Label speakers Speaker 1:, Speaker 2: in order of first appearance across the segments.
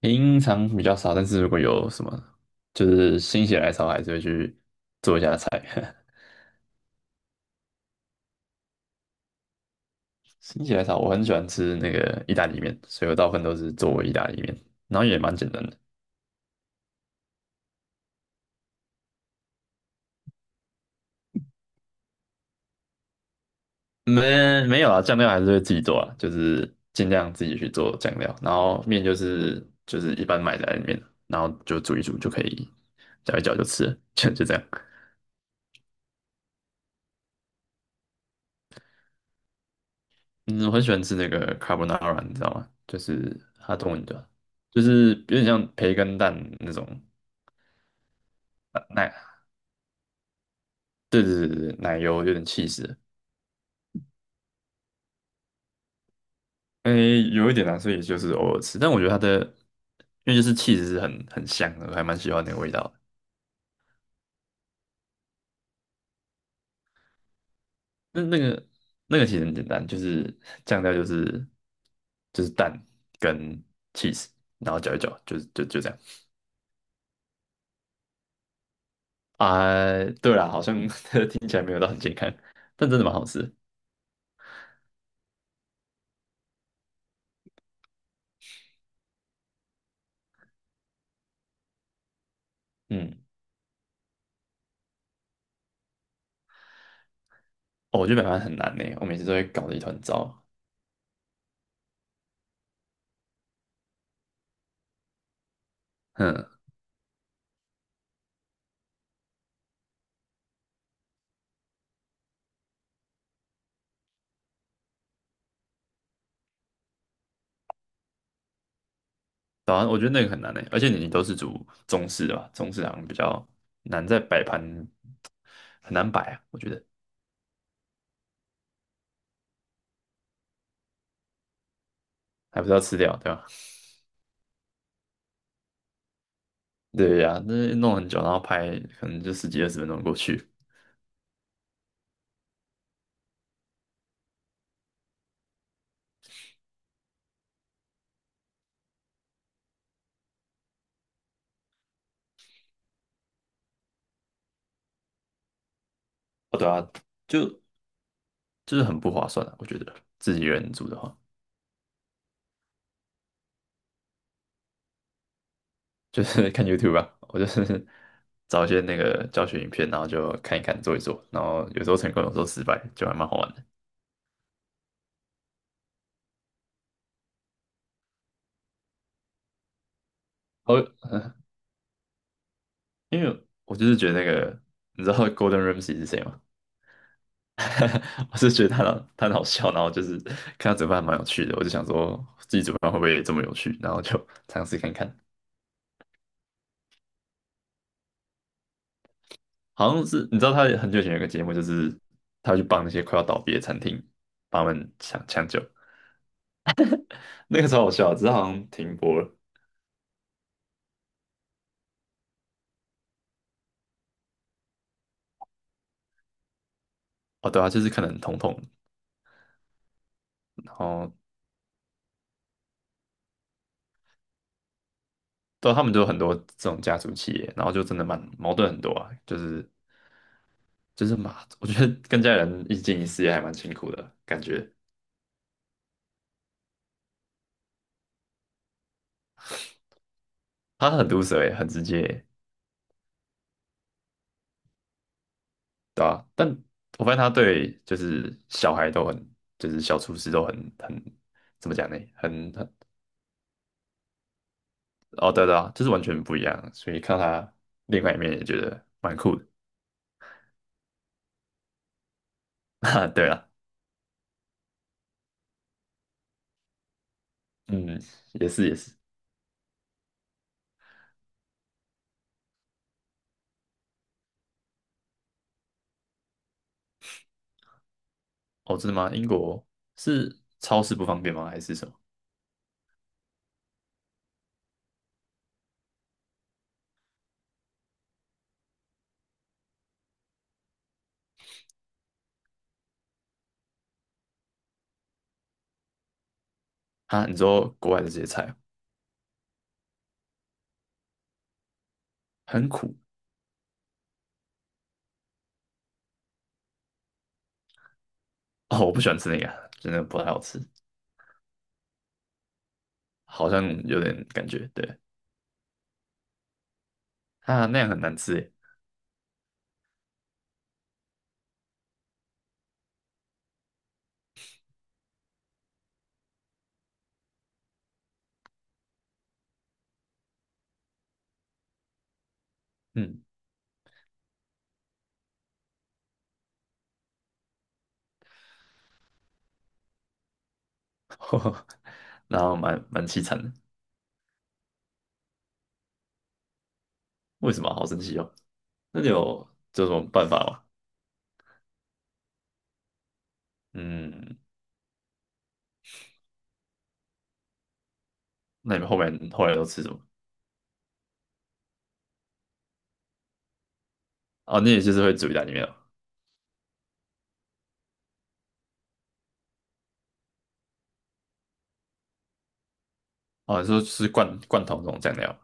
Speaker 1: 平常比较少，但是如果有什么就是心血来潮，还是会去做一下菜。心血来潮，我很喜欢吃那个意大利面，所以我大部分都是做意大利面，然后也蛮简单的。没有啊，酱料还是会自己做啊，就是尽量自己去做酱料，然后面就是一般买在里面，然后就煮一煮就可以，搅一搅就吃了 就这样。嗯，我很喜欢吃那个 carbonara，你知道吗？就是它中文叫。就是有点像培根蛋那种呃奶，对对对对，奶油有点气 h e e 诶，有一点难，所以也就是偶尔吃。但我觉得它的，因为就是气 h 是很香的，我还蛮喜欢那个味道的。那那个那个其实很简单，就是酱料就是蛋跟 cheese，然后搅一搅，就这样。啊、对啦，好像 听起来没有到很健康，但真的蛮好吃的。嗯，哦，我觉得北方很难呢，我每次都会搞得一团糟。嗯，早安，我觉得那个很难诶，而且你都是煮中式的吧，中式好像比较难在摆盘，很难摆啊，我觉得还不是要吃掉，对吧？对呀、那弄很久，然后拍可能就十几20分钟过去，哦，对啊，就就是很不划算啊，我觉得自己一个人煮的话，就是 看 YouTube 吧，我就是 找一些那个教学影片，然后就看一看做一做，然后有时候成功，有时候失败，就还蛮好玩的。哦，因为我就是觉得那个，你知道 Golden Ramsy 是谁吗？我是觉得他很好笑，然后就是看他煮饭还蛮有趣的，我就想说自己煮饭会不会这么有趣，然后就 尝试看看。好像是你知道他很久以前有个节目，就是他会去帮那些快要倒闭的餐厅帮他们抢抢救，那个时候好笑啊，只是好像停播了。哦，对啊，就是可能统统，然后对啊他们就有很多这种家族企业，然后就真的蛮矛盾很多啊，就是嘛，我觉得跟家人一起经营事业还蛮辛苦的感觉，他很毒舌欸，很直接欸。对啊，但我发现他对就是小孩都很，就是小厨师都很很怎么讲呢？哦，对对啊，就是完全不一样，所以看他另外一面也觉得蛮酷的。哈对啊，嗯，也是也是。哦，真的吗？英国是超市不方便吗？还是什么？啊，你说国外的这些菜很苦。哦，我不喜欢吃那个啊，真的不太好吃，好像有点感觉，对，啊，那样很难吃耶，嗯，然后蛮凄惨的，为什么？好生气哦。那你有这有什么办法吗？嗯，那你们后面后来都吃什么？哦，你也就是会煮意大利面哦。哦，你说吃罐头这种酱料，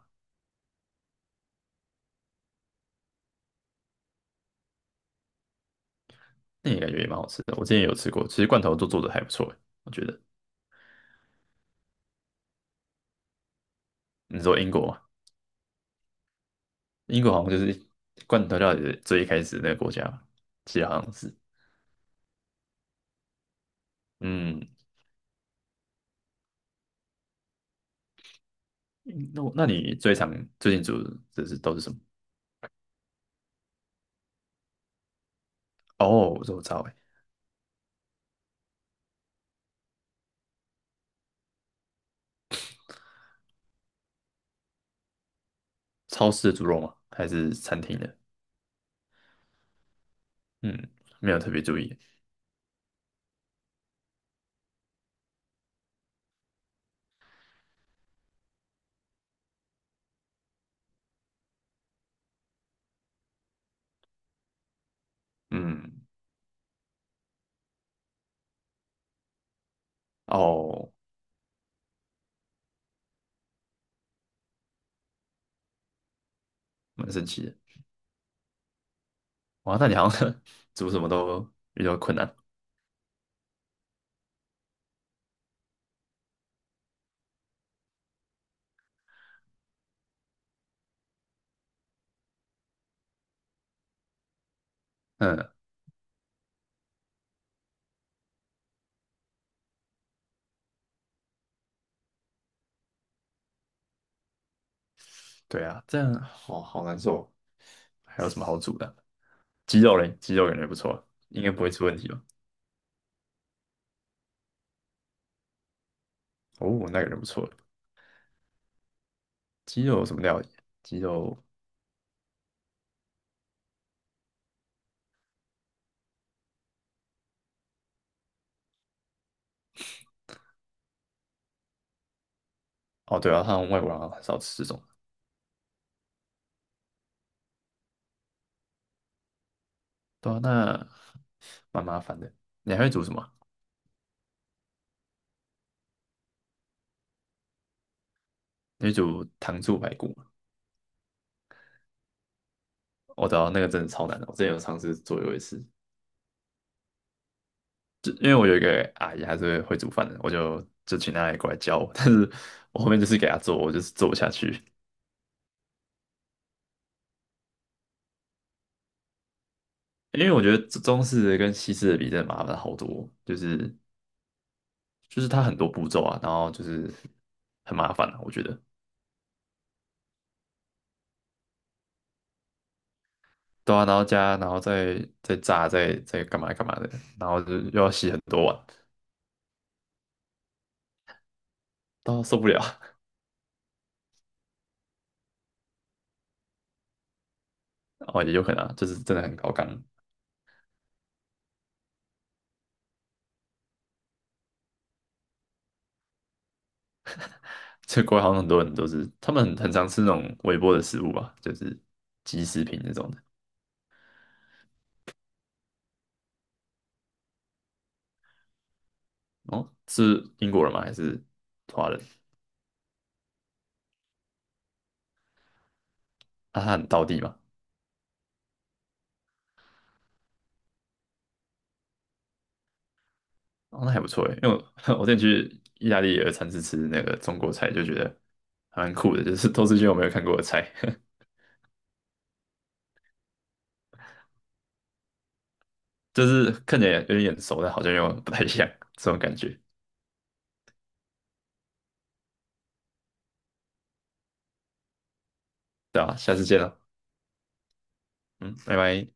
Speaker 1: 那也感觉也蛮好吃的。我之前也有吃过，其实罐头都做的还不错欸，我觉得。你说英国嘛，英国好像就是罐头料理的最一开始那个国家嘛，其实好像是。嗯，那你最常最近煮的都是什么？哦，我说我知道欸，超市的猪肉吗？还是餐厅的？嗯，没有特别注意。嗯，哦，蛮神奇的。哇，那你好像 煮什么都比较困难。嗯，对啊，这样好好难受。还有什么好煮的？鸡肉嘞，鸡肉感觉不错，应该不会出问题吧？哦，那感觉不错。鸡肉有什么料理？鸡肉。哦，对啊，他们外国人好像很少吃这种。对啊，那蛮麻烦的。你还会煮什么？你会煮糖醋排骨吗？我知道那个真的超难的，我之前有尝试做有一次，就因为我有一个阿姨，还是会煮饭的，我就请她来过来教我，但是我后面就是给她做，我就是做不下去，因为我觉得中式的跟西式的比，真的麻烦好多，就是它很多步骤啊，然后就是很麻烦啊，我觉得。对啊，然后加，然后再炸，再干嘛干嘛的，然后就又要洗很多碗，到受不了。哦，也有可能啊，就是真的很高纲。这国外好像很多人都是，他们很常吃那种微波的食物吧，就是即食品那种的。哦，是英国人吗？还是华人？啊，他很道地嘛。哦，那还不错诶，因为我 我之前去意大利也有尝试吃那个中国菜，就觉得还蛮酷的，就是 都是一些我没有看过的菜，就是看起来有点眼熟，但好像又不太像这种感觉，对啊，下次见了，嗯，拜拜。